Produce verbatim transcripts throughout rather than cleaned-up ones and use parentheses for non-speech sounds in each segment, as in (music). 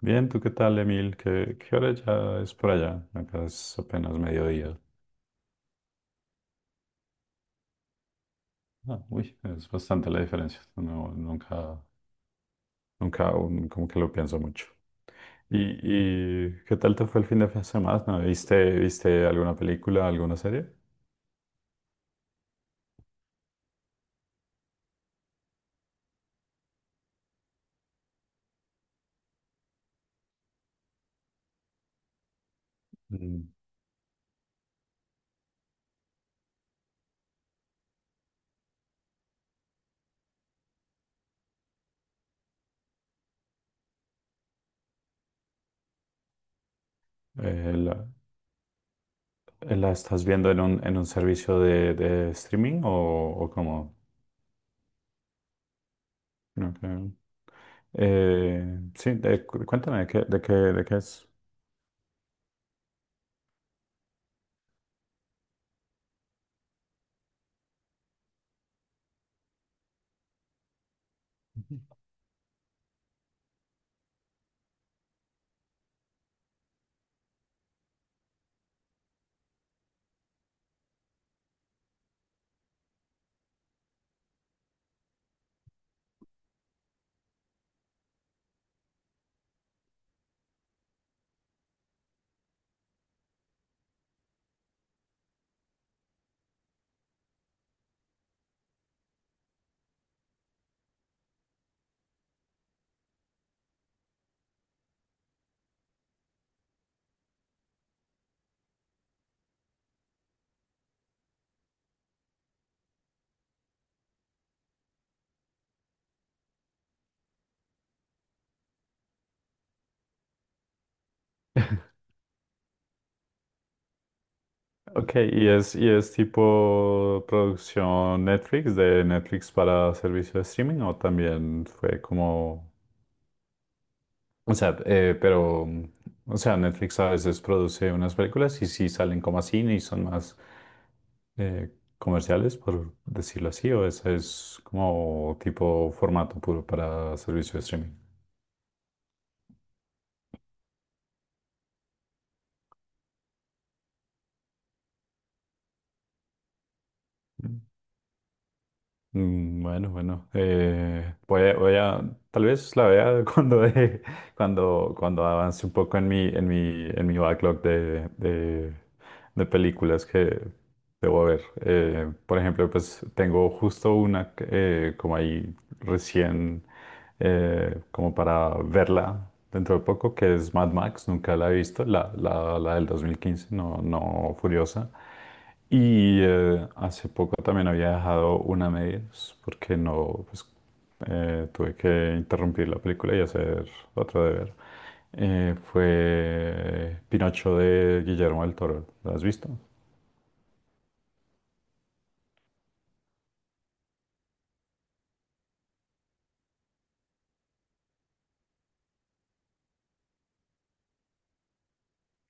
Bien, ¿tú qué tal, Emil? ¿Qué, qué hora ya es por allá? Acá es apenas mediodía. Ah, uy, es bastante la diferencia. No, nunca, nunca, um, como que lo pienso mucho. ¿Y, y qué tal te fue el fin de semana? ¿Viste, viste alguna película, alguna serie? Mm, eh, ¿la, la estás viendo en un, en un servicio de, de streaming o, o cómo? Ok. Eh, sí, de- cu- cuéntame, ¿de qué, de qué, de qué es? Ok, y es, y es tipo producción Netflix, de Netflix para servicio de streaming, o también fue como, o sea, eh, pero, o sea, Netflix a veces produce unas películas y sí salen como a cine y son más eh, comerciales, por decirlo así, o ese es como tipo formato puro para servicio de streaming. Mm. Bueno, bueno, eh, voy a, voy a- tal vez la vea (laughs) cuando, deje- cuando, cuando avance un poco en mi, en mi, en mi backlog de, de, de películas que debo ver. Eh, por ejemplo, pues tengo justo una que, eh, como ahí recién, eh, como para verla dentro de poco, que es Mad Max, nunca la he visto, la, la, la del dos mil quince, no, no Furiosa. Y eh, hace poco también había dejado una a medias porque no, pues eh, tuve que interrumpir la película y hacer otro deber. Eh, fue Pinocho de Guillermo del Toro. ¿Lo has visto?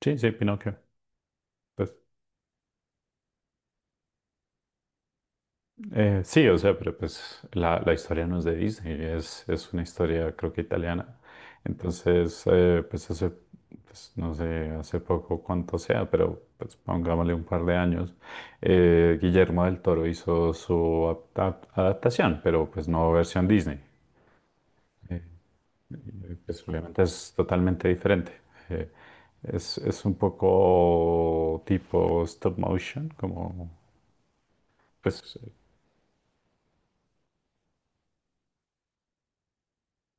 Sí, sí, Pinocchio. Pues, Eh, sí, o sea, pero pues la, la historia no es de Disney, es, es una historia creo que italiana. Entonces, eh, pues hace, pues, no sé, hace poco cuánto sea, pero pues pongámosle un par de años, eh, Guillermo del Toro hizo su apta- adaptación, pero pues no versión Disney. Eh, eh, pues obviamente es totalmente diferente. Eh, es, es un poco tipo stop motion, como pues.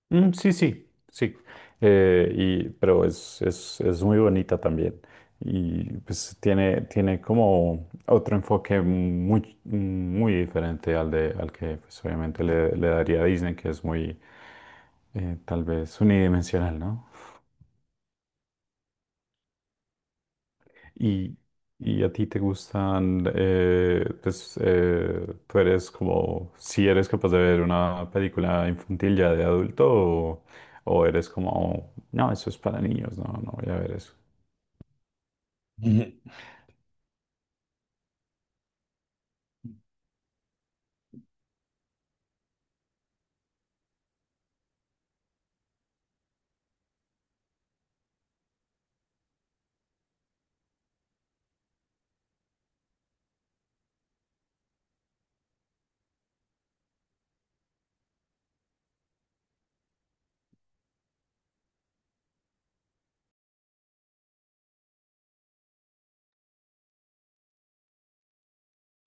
Mm, sí, sí, sí. Eh, y, pero es, es, es muy bonita también. Y pues tiene, tiene como otro enfoque muy, muy diferente al de, al que pues, obviamente le, le daría a Disney, que es muy eh, tal vez unidimensional, ¿no? Y, y a ti te gustan, eh, pues eh, tú eres como, si eres capaz de ver una película infantil ya de adulto o, o eres como, no, eso es para niños, no, no voy a ver eso.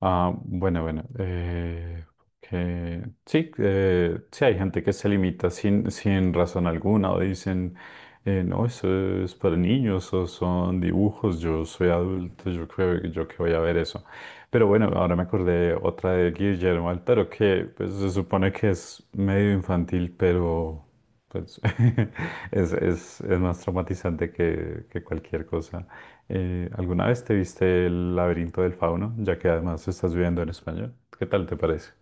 Ah, bueno, bueno. Eh, que, sí, eh, sí, hay gente que se limita sin, sin razón alguna o dicen, eh, no, eso es para niños o son dibujos, yo soy adulto, yo creo que yo que voy a ver eso. Pero bueno, ahora me acordé otra de Guillermo Altero que pues, se supone que es medio infantil, pero pues, (laughs) es, es, es más traumatizante que, que cualquier cosa. Eh, ¿alguna vez te viste El laberinto del fauno? Ya que además estás viviendo en español. ¿Qué tal te parece?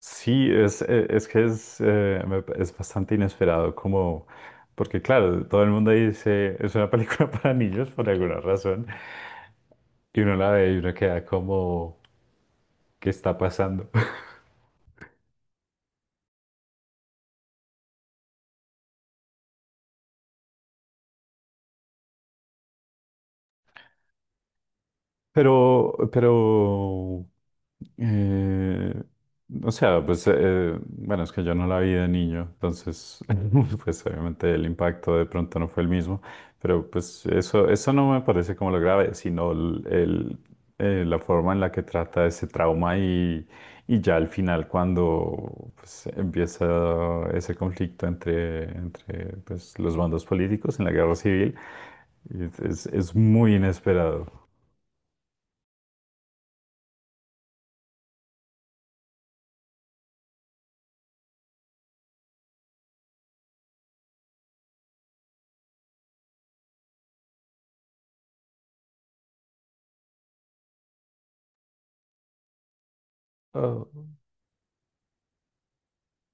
Sí, es, eh, es que es, eh, me pa- es bastante inesperado, como, porque claro, todo el mundo dice, es una película (laughs) para niños por alguna razón, y uno la ve y uno queda como, ¿qué está pasando? (laughs) Pero, pero Eh, o sea, pues, eh, bueno, es que yo no la vi de niño, entonces, (laughs) pues obviamente el impacto de pronto no fue el mismo, pero pues eso, eso no me parece como lo grave, sino el, el, eh, la forma en la que trata ese trauma y, y ya al final cuando pues, empieza ese conflicto entre, entre pues, los bandos políticos en la guerra civil, es, es es muy inesperado. Oh.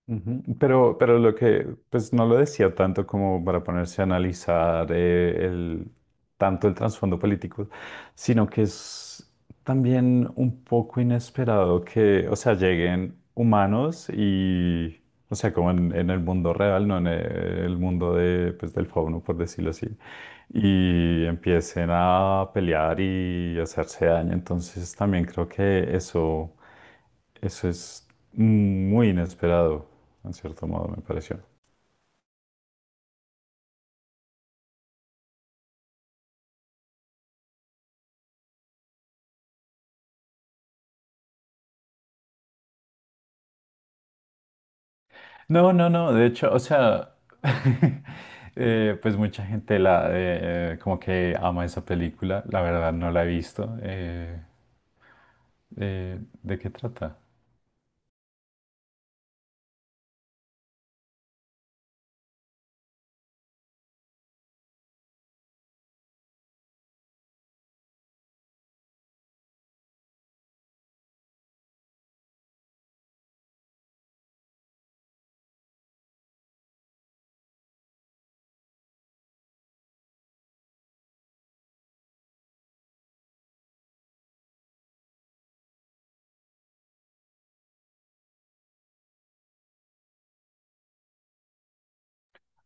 Ujú. Pero, pero lo que, pues no lo decía tanto como para ponerse a analizar eh, el, tanto el trasfondo político, sino que es también un poco inesperado que, o sea, lleguen humanos y, o sea, como en, en el mundo real, no en el mundo de, pues, del fauno, por decirlo así, y empiecen a pelear y hacerse daño. Entonces también creo que eso, eso es muy inesperado en cierto modo me pareció. No, no, no, de hecho, o sea, (laughs) eh, pues mucha gente la eh, eh, como que ama esa película, la verdad no la he visto. Eh, eh, ¿de qué trata?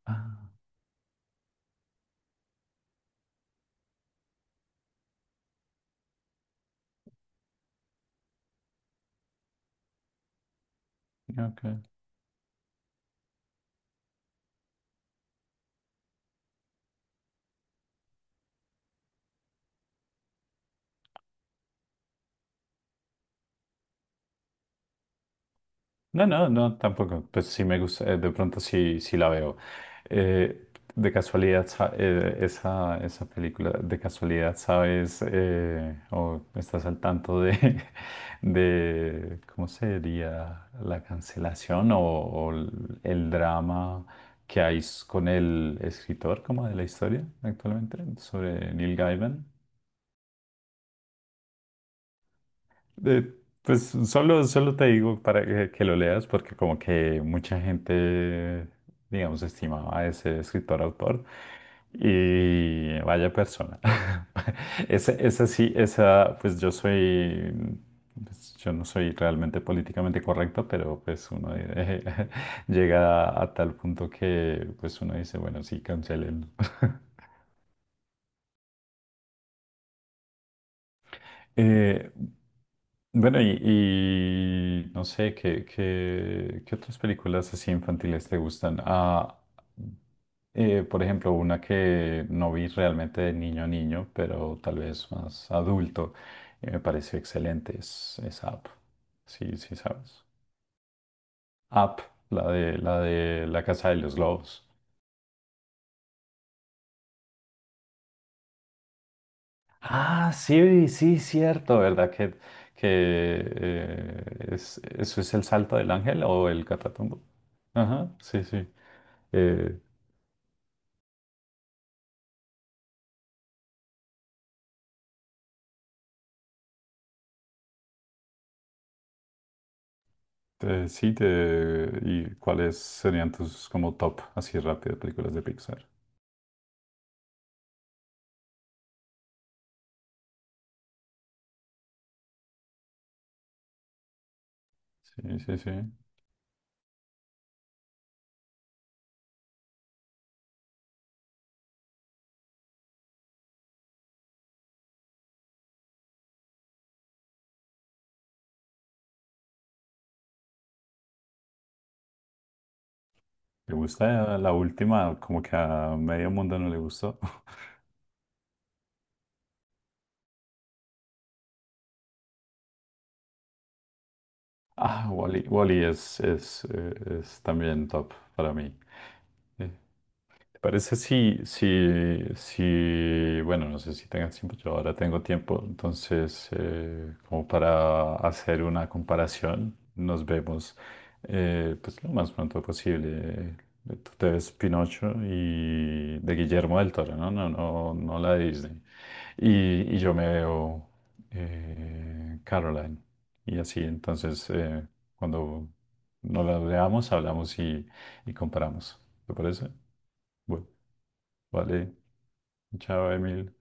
Ah, ok. No, no, no, tampoco. Pues sí me gusta, eh, de pronto sí, sí la veo. Eh, de casualidad, sa- eh, esa, esa película, de casualidad, ¿sabes? Eh, o estás al tanto de, (laughs) de ¿cómo sería la cancelación o, o el el drama que hay s- con el escritor como de la historia actualmente sobre Neil Gaiman? Eh, pues solo, solo te digo para que, que lo leas, porque como que mucha gente, digamos, estimaba a ese escritor autor. Y vaya persona. (laughs) Esa, esa sí, esa, pues yo soy, pues, yo no soy realmente políticamente correcto, pero pues uno eh, (laughs) llega a, tal punto que pues uno dice, bueno, sí, cancelen. (laughs) Eh, bueno, y, y no sé, ¿qué, qué, qué otras películas así infantiles te gustan? Ah, eh, por ejemplo, una que no vi realmente de niño a niño, pero tal vez más adulto, y me pareció excelente, es, es Up. Sí, sí, sabes. Up, la de, la de La Casa de los globos. Ah, sí, sí, cierto, ¿verdad? Que, que eh, es, eso es el salto del ángel o el catatumbo. Ajá, sí, sí. Eh, eh, sí, te... ¿y cuáles serían tus como top, así rápido, películas de Pixar? Sí, sí, sí. ¿Te gusta la última? Como que a medio mundo no le gustó. (laughs) Ah, Wall-E. Wall-E es, es, eh, es también top para mí. Parece si, si, si, bueno, no sé si tengas tiempo, yo ahora tengo tiempo, entonces eh, como para hacer una comparación, nos vemos eh, pues lo más pronto posible. Tú te ves Pinocho y de Guillermo del Toro, ¿no? No, no, no la de Disney. Y, y yo me veo eh, Caroline. Y así, entonces, eh, cuando nos la veamos, hablamos y, y comparamos. ¿Te parece? Bueno. Vale, chao, Emil.